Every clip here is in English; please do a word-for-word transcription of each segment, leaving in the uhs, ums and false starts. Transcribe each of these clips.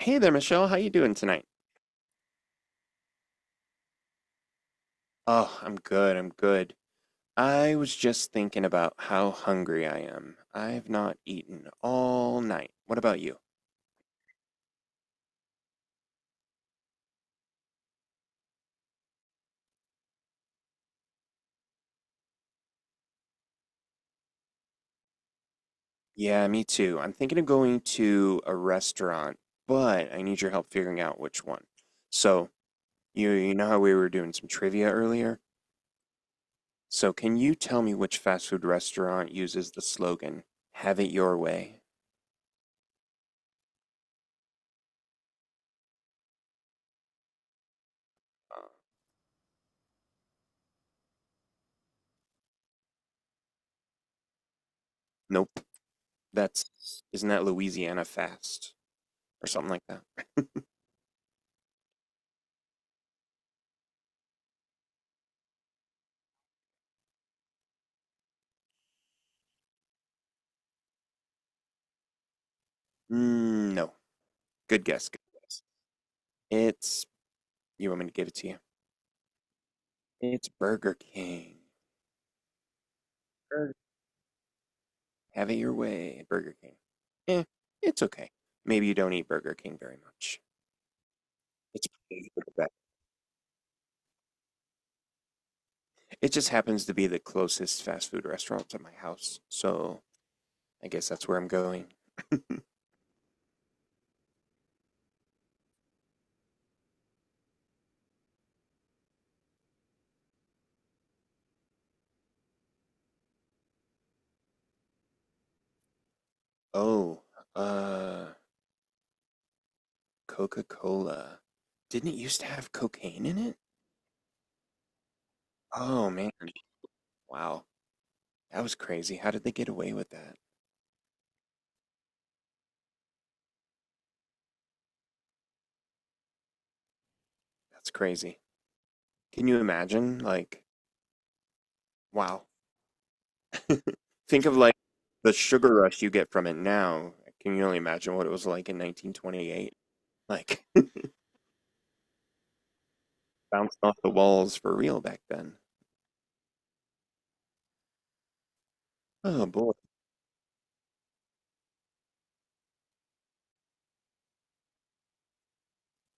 Hey there, Michelle. How you doing tonight? Oh, I'm good. I'm good. I was just thinking about how hungry I am. I've not eaten all night. What about you? Yeah, me too. I'm thinking of going to a restaurant, but I need your help figuring out which one. So, you you know how we were doing some trivia earlier? So, can you tell me which fast food restaurant uses the slogan, "Have it your way"? Nope. That's isn't that Louisiana Fast or something like that? Mm, no. Good guess. Good guess. It's you want me to give it to you? It's Burger King. Burger- Have it your way, at Burger King. Eh, it's okay. Maybe you don't eat Burger King very much. It's pretty good at that. It just happens to be the closest fast food restaurant to my house, so I guess that's where I'm going. Oh, uh, Coca Cola. Didn't it used to have cocaine in it? Oh man, wow, that was crazy. How did they get away with that? That's crazy. Can you imagine, like, wow. Think of like the sugar rush you get from it now. Can you only imagine what it was like in nineteen twenty-eight? Like bounced off the walls for real back then. Oh boy.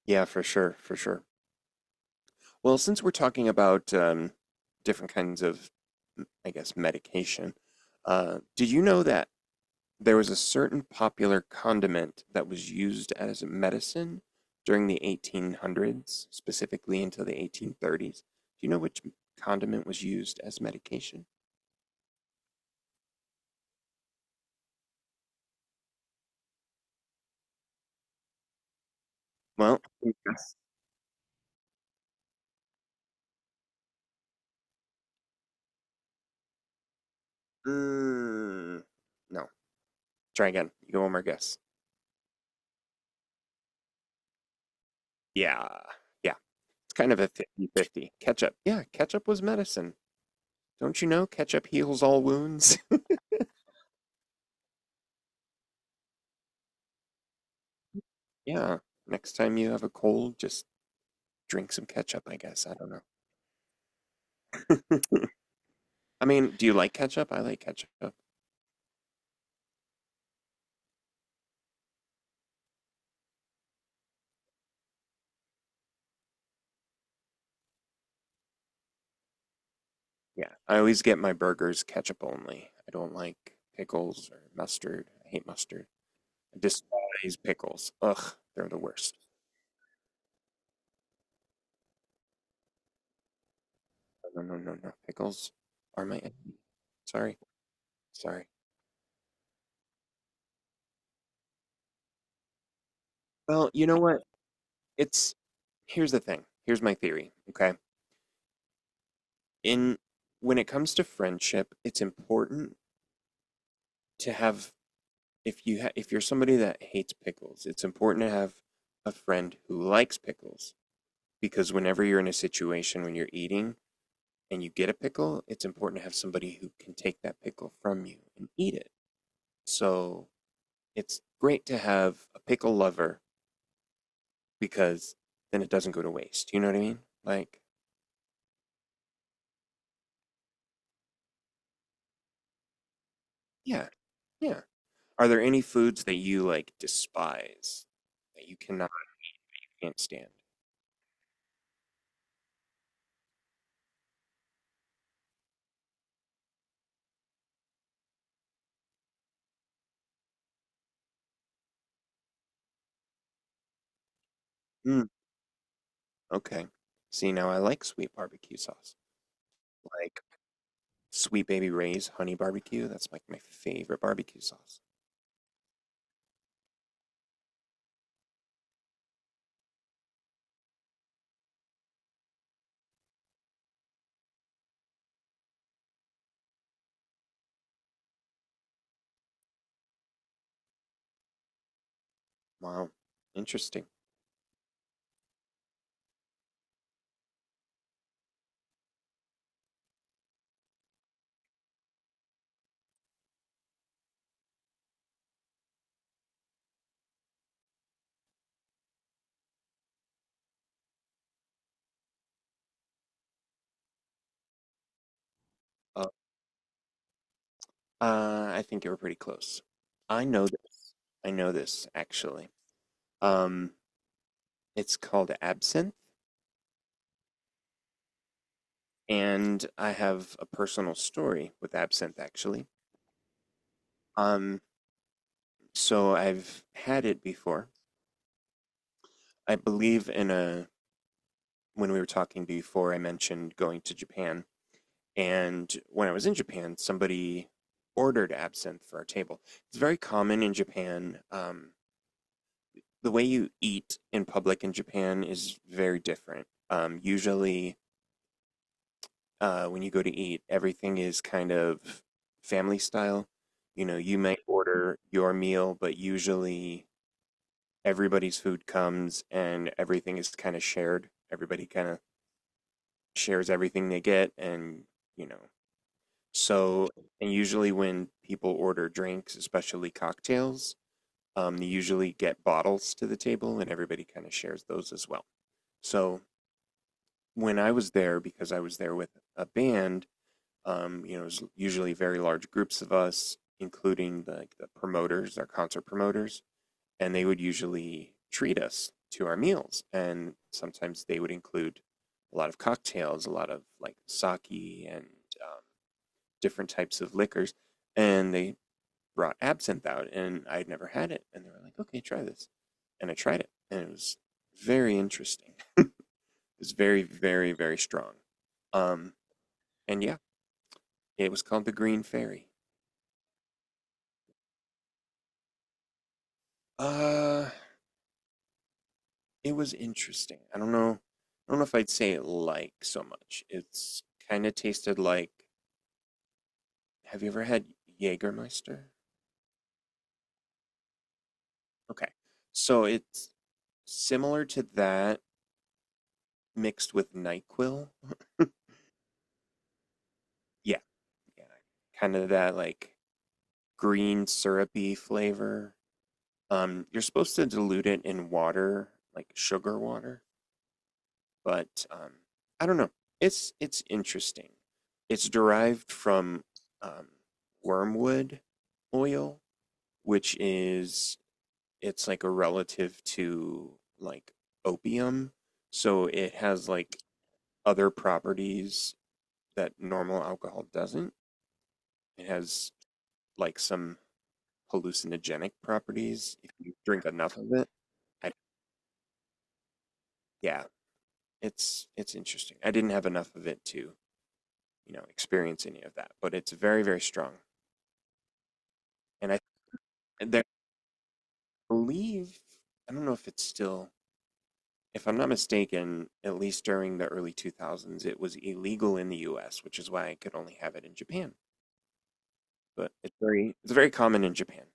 Yeah, for sure, for sure. Well, since we're talking about um, different kinds of, m- I guess, medication, uh, did you know that there was a certain popular condiment that was used as a medicine during the eighteen hundreds, specifically until the eighteen thirties? Do you know which condiment was used as medication? Well, can Mm, no. Try again. You go one more guess. Yeah. Yeah. It's kind of a fifty-fifty. Ketchup. Yeah, ketchup was medicine. Don't you know ketchup heals all wounds? Yeah. Next time you have a cold, just drink some ketchup, I guess. I don't know. I mean, do you like ketchup? I like ketchup. Yeah. I always get my burgers ketchup only. I don't like pickles or mustard. I hate mustard. I despise pickles. Ugh, they're the worst. No, no, no, no. Pickles are my enemy. Sorry. Sorry. Well, you know what? It's here's the thing. Here's my theory, okay? In when it comes to friendship, it's important to have if you ha if you're somebody that hates pickles, it's important to have a friend who likes pickles because whenever you're in a situation when you're eating and you get a pickle, it's important to have somebody who can take that pickle from you and eat it. So, it's great to have a pickle lover because then it doesn't go to waste. You know what I mean? Like, yeah, yeah. Are there any foods that you like despise that you cannot can't stand? Mm, okay. See, now I like sweet barbecue sauce. Like Sweet Baby Ray's honey barbecue. That's like my favorite barbecue sauce. Wow. Interesting. Uh, uh, I think you were pretty close. I know this. I know this actually. Um, it's called absinthe, and I have a personal story with absinthe actually. Um, so I've had it before. I believe in a when we were talking before, I mentioned going to Japan, and when I was in Japan, somebody ordered absinthe for our table. It's very common in Japan. Um, the way you eat in public in Japan is very different. Um, usually, uh, when you go to eat, everything is kind of family style. You know, you might order your meal, but usually everybody's food comes and everything is kind of shared. Everybody kind of shares everything they get, and you know. So, and usually when people order drinks, especially cocktails, um, they usually get bottles to the table, and everybody kind of shares those as well. So when I was there, because I was there with a band, um, you know, it was usually very large groups of us, including like the promoters, our concert promoters and they would usually treat us to our meals. And sometimes they would include a lot of cocktails, a lot of like sake and uh, different types of liquors. And they brought absinthe out, and I'd never had it. And they were like, okay, try this. And I tried it, and it was very interesting. It was very, very, very strong. Um, and yeah, it was called the Green Fairy. Uh, it was interesting. I don't know. I don't know if I'd say it like so much. It's kind of tasted like have you ever had Jägermeister? Okay. So it's similar to that mixed with NyQuil. Yeah, yeah. Kind of that like green syrupy flavor. Um, you're supposed to dilute it in water, like sugar water, but um, I don't know. It's it's interesting. It's derived from um, wormwood oil, which is it's like a relative to like opium, so it has like other properties that normal alcohol doesn't. It has like some hallucinogenic properties if you drink enough of it. I, yeah, it's it's interesting. I didn't have enough of it to, you know, experience any of that, but it's very very strong. And I and I believe I don't know if it's still if I'm not mistaken, at least during the early two thousands, it was illegal in the U S, which is why I could only have it in Japan. But it's very it's very common in Japan.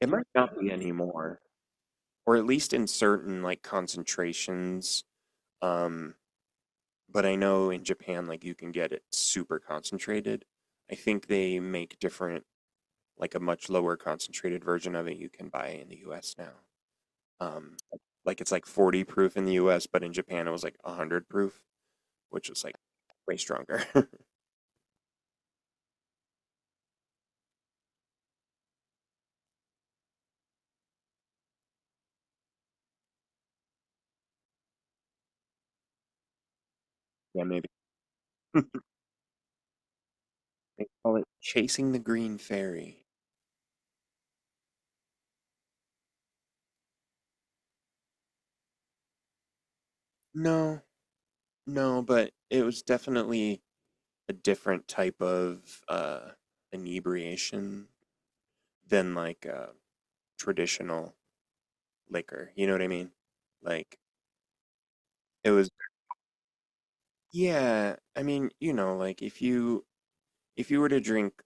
It might not be anymore, or at least in certain like concentrations. Um, but I know in Japan, like you can get it super concentrated. I think they make different, like a much lower concentrated version of it you can buy in the U S now. Um, like it's like forty proof in the U S, but in Japan it was like a hundred proof. Which was like way stronger. Yeah, maybe. They call it Chasing the Green Fairy. No, no, but it was definitely a different type of uh, inebriation than like uh, traditional liquor. You know what I mean? Like it was. Yeah, I mean, you know, like if you if you were to drink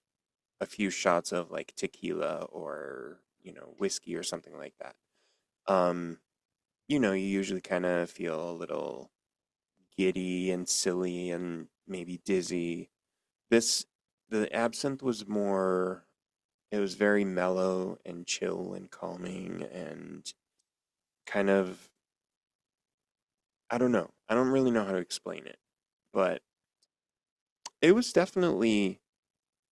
a few shots of like tequila or you know whiskey or something like that, um, you know, you usually kind of feel a little giddy and silly and maybe dizzy. This, the absinthe was more, it was very mellow and chill and calming and kind of, I don't know. I don't really know how to explain it, but it was definitely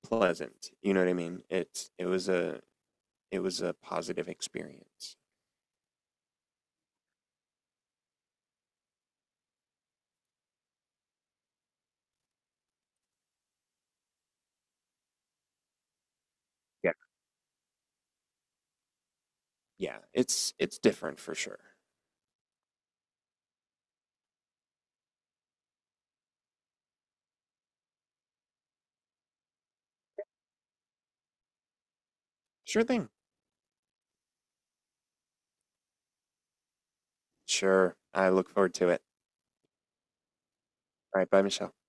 pleasant. You know what I mean? It, it was a, it was a positive experience. Yeah. Yeah, it's it's different for sure. Sure thing. Sure. I look forward to it. All right, bye, Michelle.